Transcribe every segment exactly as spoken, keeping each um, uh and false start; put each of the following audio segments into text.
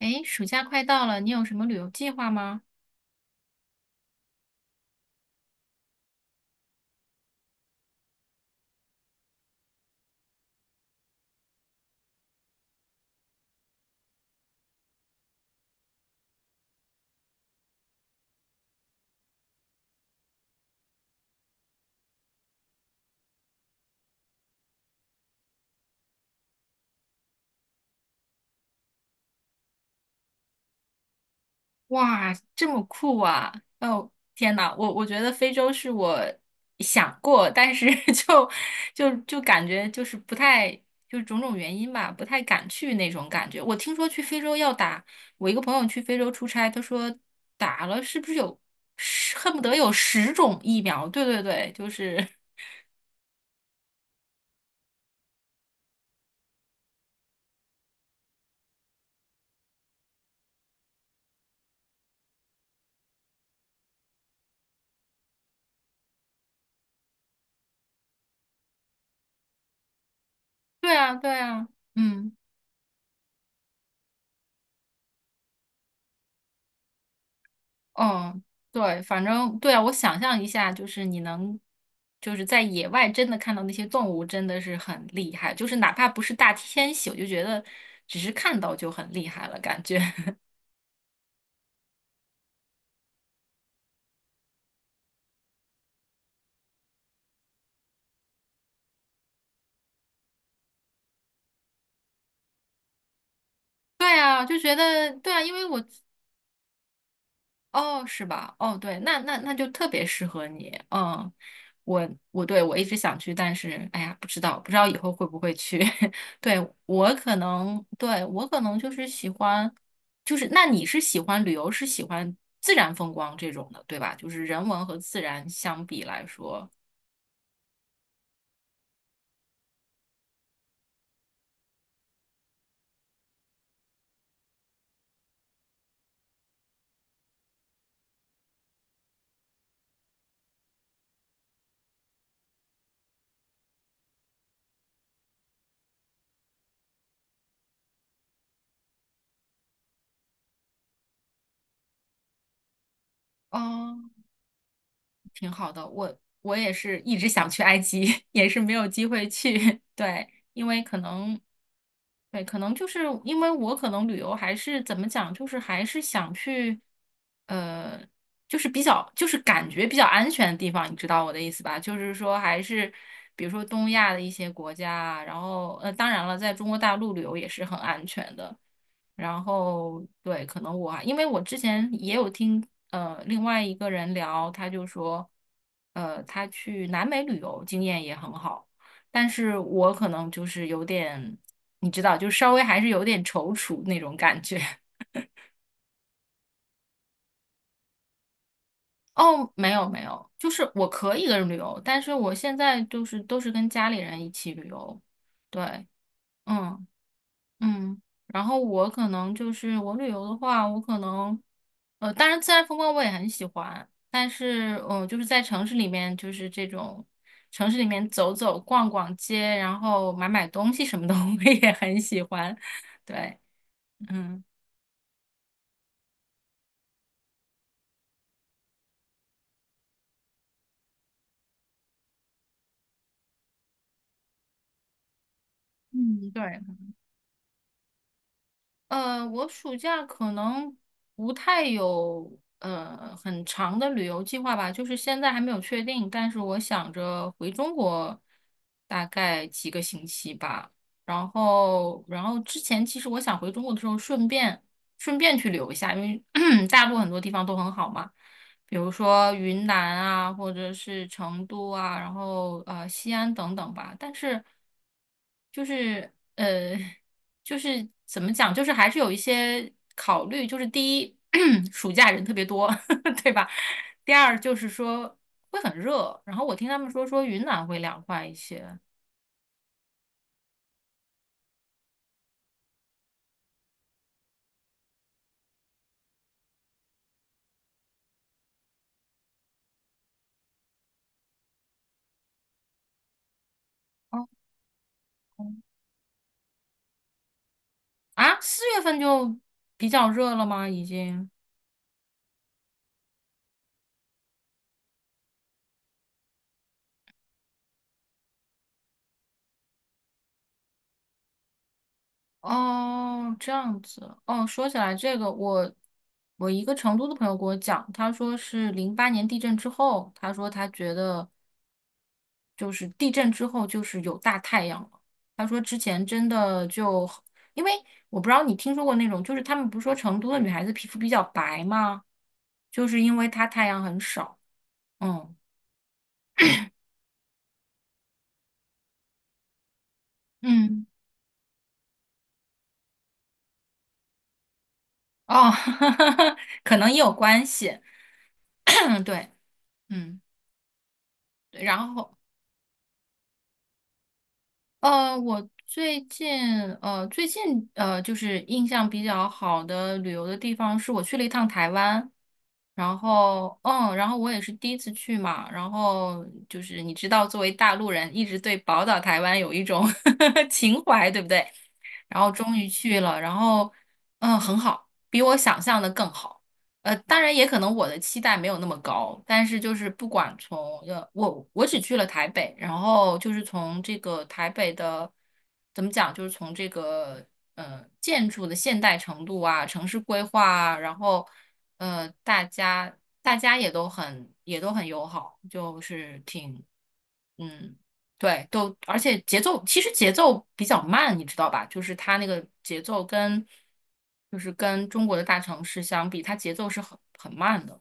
诶，暑假快到了，你有什么旅游计划吗？哇，这么酷啊！哦，天呐，我我觉得非洲是我想过，但是 就就就感觉就是不太，就是种种原因吧，不太敢去那种感觉。我听说去非洲要打，我一个朋友去非洲出差，他说打了是不是有十，恨不得有十种疫苗？对对对，就是 对啊，对啊，嗯。嗯，对，反正对啊，我想象一下，就是你能，就是在野外真的看到那些动物，真的是很厉害。就是哪怕不是大迁徙，我就觉得只是看到就很厉害了，感觉。对啊，就觉得对啊，因为我哦，是吧？哦，对，那那那就特别适合你。嗯，我我对我一直想去，但是哎呀，不知道不知道以后会不会去。对，我可能，对，我可能就是喜欢，就是那你是喜欢旅游，是喜欢自然风光这种的，对吧？就是人文和自然相比来说，哦，挺好的。我我也是一直想去埃及，也是没有机会去。对。因为可能，对，可能就是因为我可能旅游还是怎么讲，就是还是想去，呃，就是比较就是感觉比较安全的地方，你知道我的意思吧？就是说还是比如说东亚的一些国家啊然后呃，当然了，在中国大陆旅游也是很安全的。然后对，可能我还因为我之前也有听呃另外一个人聊，他就说，呃，他去南美旅游经验也很好。但是我可能就是有点，你知道，就稍微还是有点踌躇那种感觉。哦，没有没有，就是我可以一个人旅游，但是我现在就是都是跟家里人一起旅游。对，嗯嗯，然后我可能就是我旅游的话，我可能，呃，当然自然风光我也很喜欢，但是嗯，呃就是在城市里面，就是这种城市里面走走逛逛街，然后买买东西什么的，我也很喜欢。对。嗯。嗯，对，呃，我暑假可能不太有呃很长的旅游计划吧，就是现在还没有确定，但是我想着回中国大概几个星期吧，然后然后之前其实我想回中国的时候顺便顺便去旅游一下，因为 大陆很多地方都很好嘛，比如说云南啊，或者是成都啊，然后呃西安等等吧，但是就是呃。就是怎么讲，就是还是有一些考虑，就是第一，暑假人特别多，对吧？第二就是说会很热，然后我听他们说说云南会凉快一些。哦，啊，四月份就比较热了吗？已经？哦，这样子。哦，说起来这个，我我一个成都的朋友给我讲，他说是零八年地震之后，他说他觉得就是地震之后就是有大太阳了。他说之前真的就，因为我不知道你听说过那种，就是他们不是说成都的女孩子皮肤比较白吗？就是因为她太阳很少。嗯嗯，哦，可能也有关系。嗯，对，嗯，对然后。呃，我最近呃最近呃就是印象比较好的旅游的地方是我去了一趟台湾，然后嗯，然后我也是第一次去嘛，然后就是你知道，作为大陆人，一直对宝岛台湾有一种 情怀，对不对？然后终于去了，然后嗯，很好，比我想象的更好。呃，当然也可能我的期待没有那么高，但是就是不管从呃，我我只去了台北，然后就是从这个台北的怎么讲，就是从这个呃建筑的现代程度啊，城市规划啊然后呃大家大家也都很也都很友好，就是挺嗯对，都，而且节奏其实节奏比较慢，你知道吧？就是它那个节奏跟，就是跟中国的大城市相比，它节奏是很很慢的，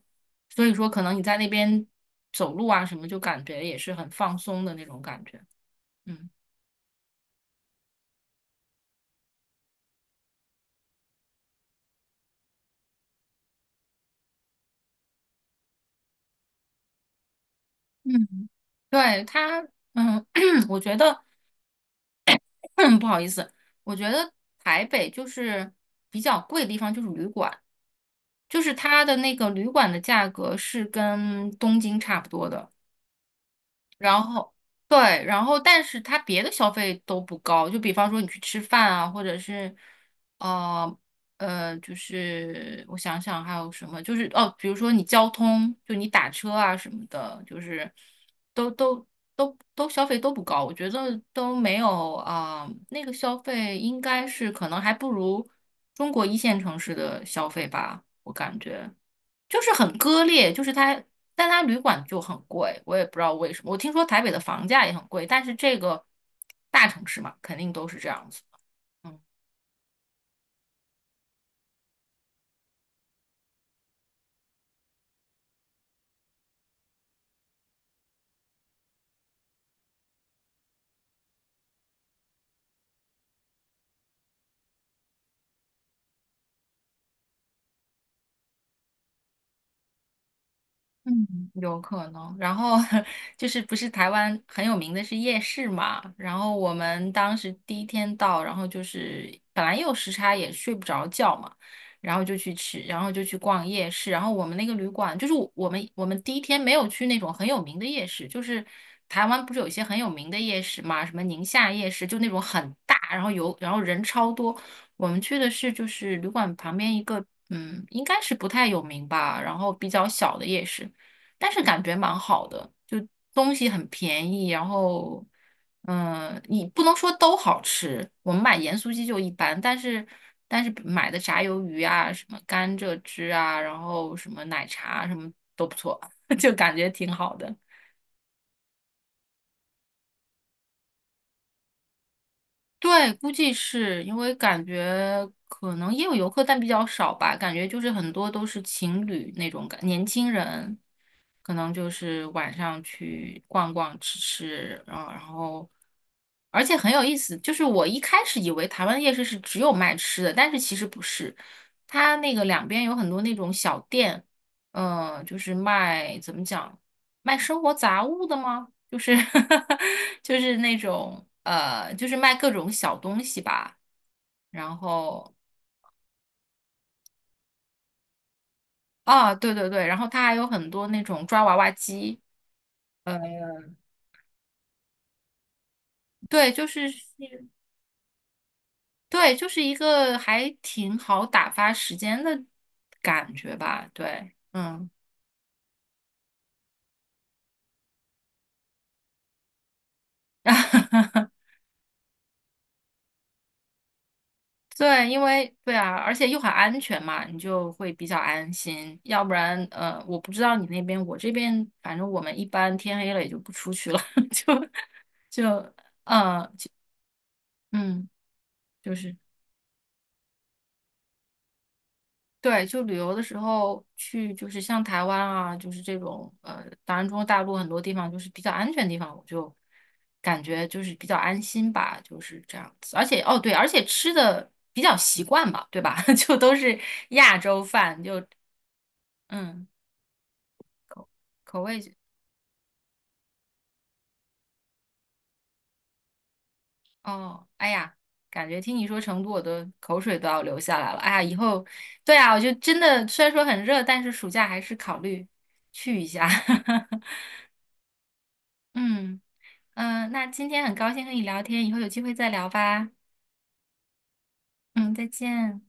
所以说可能你在那边走路啊什么，就感觉也是很放松的那种感觉。嗯嗯，对，它，嗯，我觉得 不好意思，我觉得台北就是比较贵的地方就是旅馆，就是它的那个旅馆的价格是跟东京差不多的。然后对，然后但是它别的消费都不高，就比方说你去吃饭啊，或者是呃呃，就是我想想还有什么，就是哦，比如说你交通，就你打车啊什么的，就是都都都都消费都不高，我觉得都没有啊，那个消费应该是可能还不如中国一线城市的消费吧，我感觉。就是很割裂，就是它，但它旅馆就很贵，我也不知道为什么。我听说台北的房价也很贵，但是这个大城市嘛，肯定都是这样子的。嗯。嗯，有可能。然后 就是不是台湾很有名的是夜市嘛？然后我们当时第一天到，然后就是本来也有时差，也睡不着觉嘛，然后就去吃，然后就去逛夜市。然后我们那个旅馆，就是我我们我们第一天没有去那种很有名的夜市，就是台湾不是有一些很有名的夜市嘛，什么宁夏夜市，就那种很大，然后有然后人超多。我们去的是就是旅馆旁边一个，嗯，应该是不太有名吧，然后比较小的夜市。但是感觉蛮好的，就东西很便宜，然后，嗯，你不能说都好吃，我们买盐酥鸡就一般，但是但是买的炸鱿鱼啊，什么甘蔗汁啊，然后什么奶茶啊什么都不错，就感觉挺好的。对，估计是因为感觉可能也有游客，但比较少吧。感觉就是很多都是情侣那种感，年轻人可能就是晚上去逛逛、吃吃，然后然后，而且很有意思。就是我一开始以为台湾夜市是只有卖吃的，但是其实不是，它那个两边有很多那种小店，嗯、就是卖怎么讲？卖生活杂物的吗？就是 就是那种呃，就是卖各种小东西吧。然后啊，对对对，然后它还有很多那种抓娃娃机。呃，对，就是对，就是一个还挺好打发时间的感觉吧。对，嗯。对，因为对啊，而且又很安全嘛，你就会比较安心。要不然，呃，我不知道你那边，我这边反正我们一般天黑了也就不出去了，就就嗯就嗯，就是对，就旅游的时候去，就是像台湾啊，就是这种呃，当然中国大陆很多地方就是比较安全的地方，我就感觉就是比较安心吧，就是这样子。而且哦对，而且吃的比较习惯吧，对吧？就都是亚洲饭，就嗯。口口味哦，哎呀，感觉听你说成都，我的口水都要流下来了。哎呀，以后对啊，我就真的虽然说很热，但是暑假还是考虑去一下。嗯嗯、呃那今天很高兴和你聊天，以后有机会再聊吧。嗯，再见。